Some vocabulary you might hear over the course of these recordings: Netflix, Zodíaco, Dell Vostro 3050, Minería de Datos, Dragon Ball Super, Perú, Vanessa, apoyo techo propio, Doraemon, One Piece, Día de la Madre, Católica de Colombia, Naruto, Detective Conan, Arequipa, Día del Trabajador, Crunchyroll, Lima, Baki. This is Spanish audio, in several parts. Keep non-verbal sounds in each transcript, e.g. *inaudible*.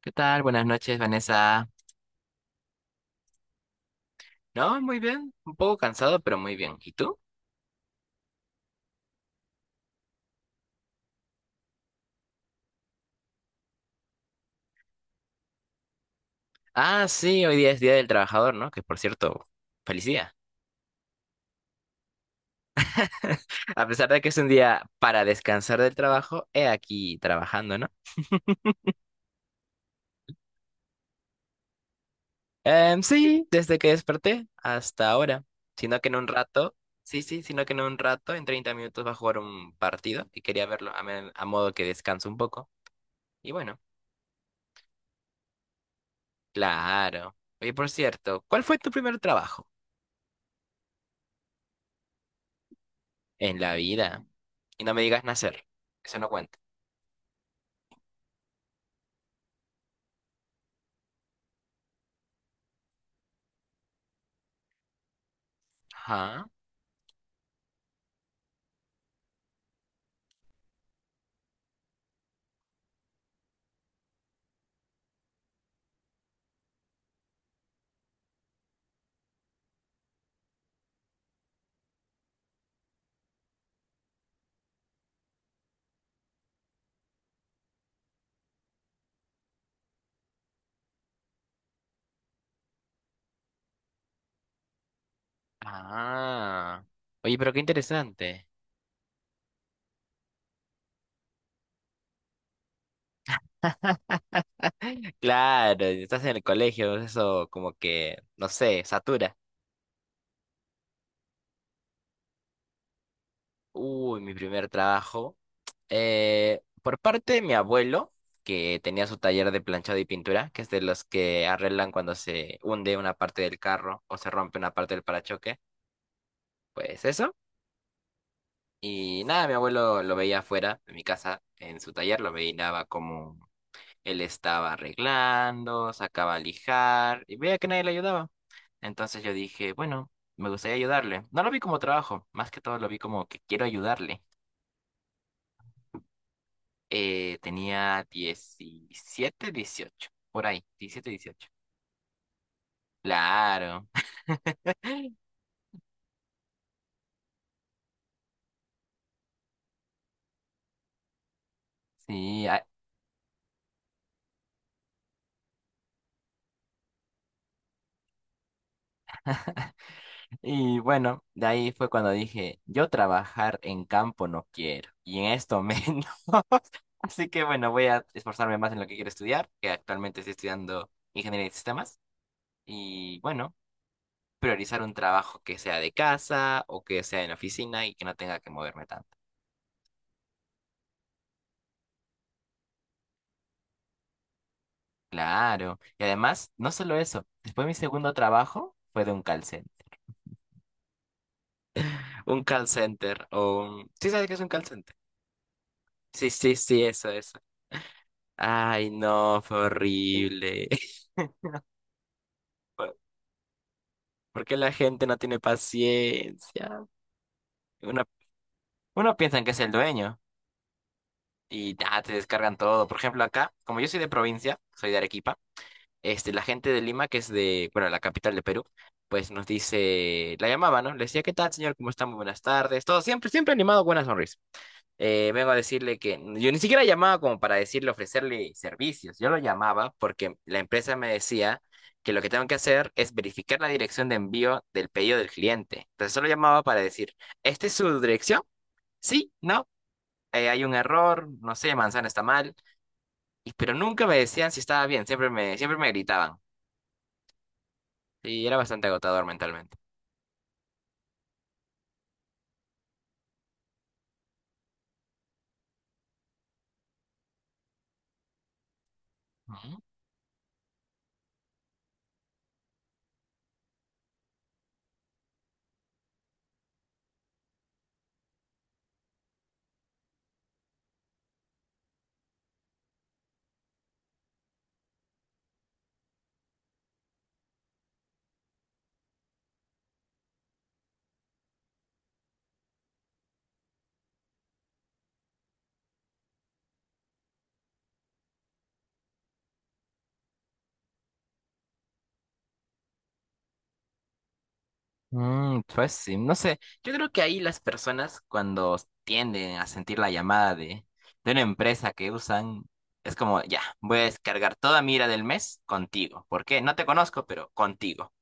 ¿Qué tal? Buenas noches, Vanessa. No, muy bien. Un poco cansado, pero muy bien. ¿Y tú? Ah, sí, hoy día es Día del Trabajador, ¿no? Que por cierto, feliz día. *laughs* A pesar de que es un día para descansar del trabajo, he aquí trabajando, ¿no? Sí, desde que desperté hasta ahora. Sino que en un rato, Sí, sí, sino que en un rato, en 30 minutos, va a jugar un partido y quería verlo a modo que descanso un poco. Y bueno, claro. Oye, por cierto, ¿cuál fue tu primer trabajo? En la vida. Y no me digas nacer. Eso no cuenta. Ajá. Ah. Oye, pero qué interesante. Claro, estás en el colegio, eso como que, no sé, satura. Uy, mi primer trabajo. Por parte de mi abuelo, que tenía su taller de planchado y pintura, que es de los que arreglan cuando se hunde una parte del carro o se rompe una parte del parachoque. Pues eso. Y nada, mi abuelo lo veía afuera de mi casa, en su taller, lo veía como él estaba arreglando, sacaba a lijar y veía que nadie le ayudaba. Entonces yo dije, bueno, me gustaría ayudarle. No lo vi como trabajo, más que todo lo vi como que quiero ayudarle. Tenía 17, 18, por ahí, 17, 18. Claro. *laughs* Sí, y bueno, de ahí fue cuando dije, yo trabajar en campo no quiero, y en esto menos. *laughs* Así que bueno, voy a esforzarme más en lo que quiero estudiar, que actualmente estoy estudiando ingeniería de sistemas. Y bueno, priorizar un trabajo que sea de casa o que sea en oficina y que no tenga que moverme tanto. Claro. Y además, no solo eso, después mi segundo trabajo fue de un call center. Un call center. ¿Sí sabes qué es un call center? Sí, sí, sí, eso, eso. Ay, no, fue horrible. *laughs* ¿Por por qué la gente no tiene paciencia? Uno, uno piensa en que es el dueño y ya te descargan todo. Por ejemplo, acá, como yo soy de provincia, soy de Arequipa, este, la gente de Lima, que es de, bueno, la capital de Perú, pues nos dice, la llamaba, ¿no? Le decía, ¿qué tal, señor? ¿Cómo está? Muy buenas tardes. Todo siempre, siempre animado, buena sonrisa. Vengo a decirle que yo ni siquiera llamaba como para decirle, ofrecerle servicios. Yo lo llamaba porque la empresa me decía que lo que tengo que hacer es verificar la dirección de envío del pedido del cliente. Entonces solo llamaba para decir, ¿esta es su dirección? Sí, no, hay un error, no sé, manzana está mal. Y, pero nunca me decían si estaba bien, siempre me gritaban. Sí, era bastante agotador mentalmente. Ujú. Mm, pues sí, no sé, yo creo que ahí las personas cuando tienden a sentir la llamada de, una empresa que usan, es como, ya, voy a descargar toda mi ira del mes contigo. ¿Por qué? No te conozco, pero contigo.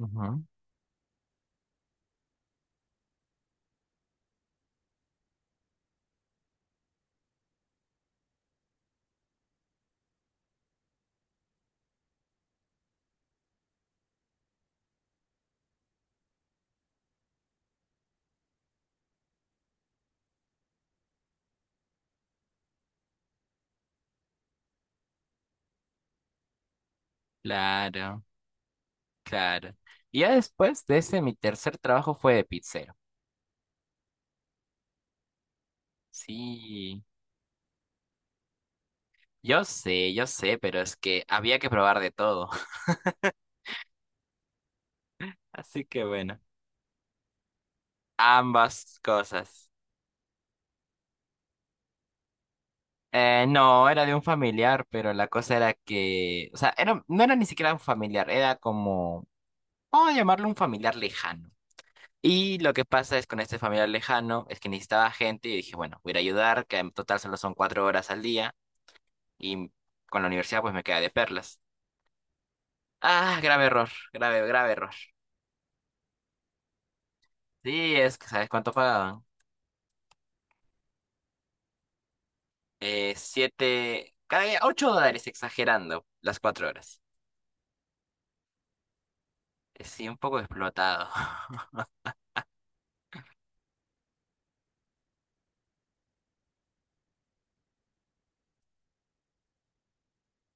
Ujú. Claro, claro. Y ya después de ese, mi tercer trabajo fue de pizzero. Sí, yo sé, pero es que había que probar de todo. *laughs* Así que bueno, ambas cosas. No, era de un familiar, pero la cosa era que, o sea, no era ni siquiera un familiar, era como, vamos a llamarlo un familiar lejano. Y lo que pasa es con este familiar lejano es que necesitaba gente y dije, bueno, voy a ir a ayudar, que en total solo son 4 horas al día y con la universidad pues me queda de perlas. Ah, grave error, grave, grave error. Sí, es que, ¿sabes cuánto pagaban? Siete, cada día, 8 dólares exagerando las 4 horas. Sí, un poco explotado. *laughs*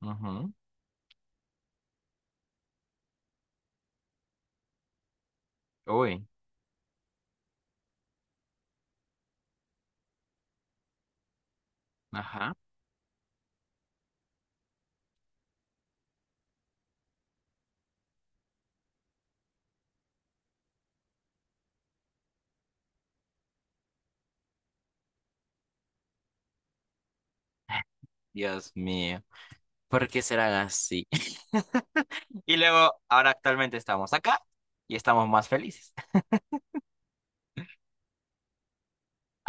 Ujú. Uy, ajá. Dios mío, ¿por qué serán así? *laughs* Y luego, ahora actualmente estamos acá y estamos más felices.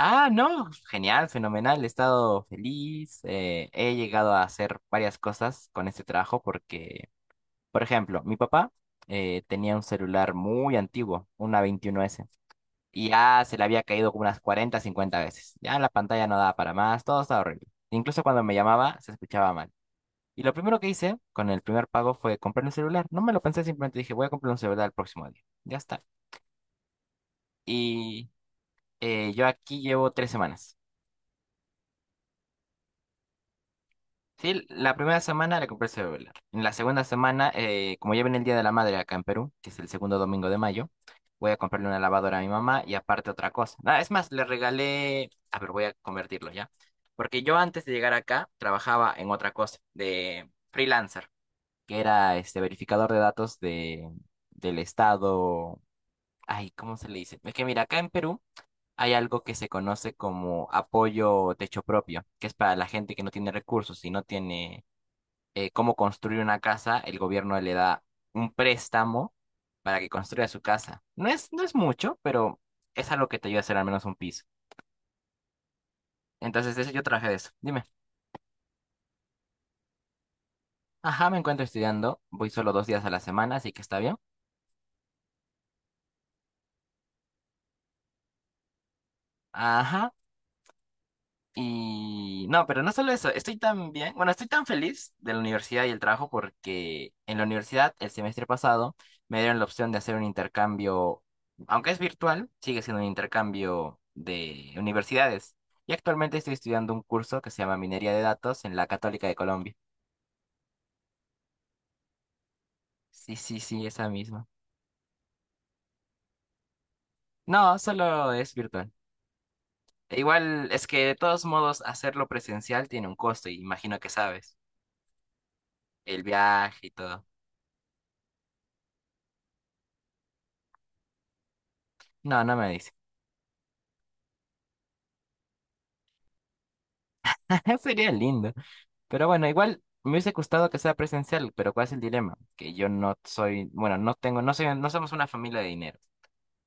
Ah, no, genial, fenomenal, he estado feliz, he llegado a hacer varias cosas con este trabajo porque, por ejemplo, mi papá tenía un celular muy antiguo, una 21S, y ya se le había caído como unas 40, 50 veces. Ya la pantalla no daba para más, todo estaba horrible. Incluso cuando me llamaba se escuchaba mal. Y lo primero que hice con el primer pago fue comprar un celular. No me lo pensé, simplemente dije, voy a comprar un celular el próximo día. Ya está. Y yo aquí llevo 3 semanas. Sí, la primera semana le compré el celular. En la segunda semana, como ya viene el Día de la Madre acá en Perú, que es el segundo domingo de mayo, voy a comprarle una lavadora a mi mamá y aparte otra cosa. Ah, es más, A ver, voy a convertirlo ya. Porque yo antes de llegar acá trabajaba en otra cosa, de freelancer, que era este verificador de datos del estado. Ay, ¿cómo se le dice? Es que mira, acá en Perú hay algo que se conoce como apoyo techo propio, que es para la gente que no tiene recursos y no tiene cómo construir una casa, el gobierno le da un préstamo para que construya su casa. No es mucho, pero es algo que te ayuda a hacer al menos un piso. Entonces, de eso yo traje de eso. Dime. Ajá, me encuentro estudiando. Voy solo 2 días a la semana, así que está bien. Ajá. Y no, pero no solo eso, estoy tan bien, bueno, estoy tan feliz de la universidad y el trabajo porque en la universidad el semestre pasado me dieron la opción de hacer un intercambio, aunque es virtual, sigue siendo un intercambio de universidades. Y actualmente estoy estudiando un curso que se llama Minería de Datos en la Católica de Colombia. Sí, sí, sí, esa misma. No, solo es virtual. E igual es que de todos modos hacerlo presencial tiene un costo y imagino que sabes, el viaje y todo. No, no me dice. *laughs* Sería lindo. Pero bueno, igual me hubiese gustado que sea presencial, pero ¿cuál es el dilema? Que yo no soy, bueno, no tengo, no soy, no somos una familia de dinero.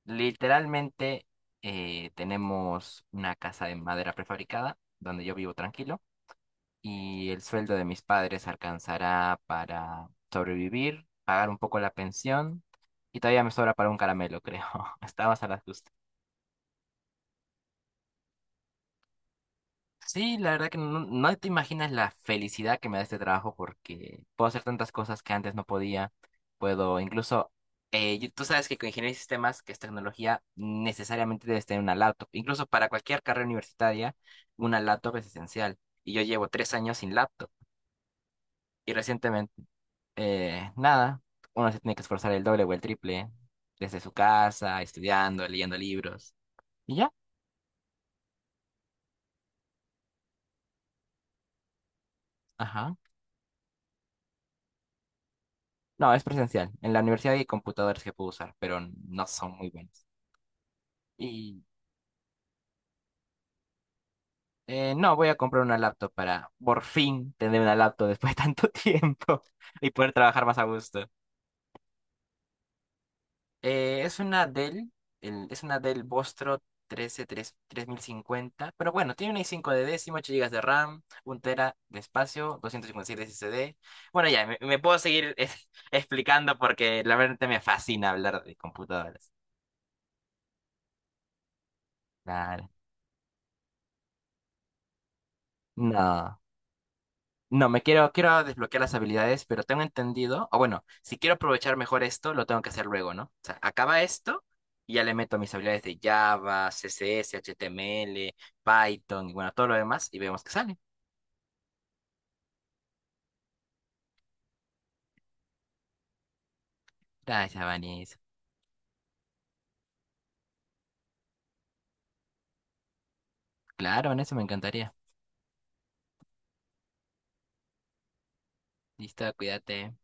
Literalmente tenemos una casa de madera prefabricada donde yo vivo tranquilo y el sueldo de mis padres alcanzará para sobrevivir, pagar un poco la pensión y todavía me sobra para un caramelo, creo. *laughs* Estamos a las justas. Sí, la verdad que no, no te imaginas la felicidad que me da este trabajo porque puedo hacer tantas cosas que antes no podía. Puedo incluso, tú sabes que con ingeniería de sistemas, que es tecnología, necesariamente debes tener una laptop. Incluso para cualquier carrera universitaria, una laptop es esencial. Y yo llevo 3 años sin laptop. Y recientemente, nada, uno se tiene que esforzar el doble o el triple desde su casa, estudiando, leyendo libros. Y ya, ajá. No, es presencial. En la universidad hay computadores que puedo usar, pero no son muy buenos. Y no, voy a comprar una laptop para por fin tener una laptop después de tanto *laughs* tiempo y poder trabajar más a gusto. Eh, es una Dell, es una Dell Vostro 13 3050, pero bueno, tiene una i5 de décimo, 8 gigas de RAM, un tera de espacio, 256 de SSD. Bueno, ya, me puedo seguir *laughs* explicando porque la verdad me fascina hablar de computadoras. Claro. No. No, quiero desbloquear las habilidades, pero tengo entendido, o bueno, si quiero aprovechar mejor esto, lo tengo que hacer luego, ¿no? O sea, acaba esto y ya le meto mis habilidades de Java, CSS, HTML, Python y bueno, todo lo demás y vemos qué sale. Gracias, Vanis. Claro, en eso me encantaría. Listo, cuídate.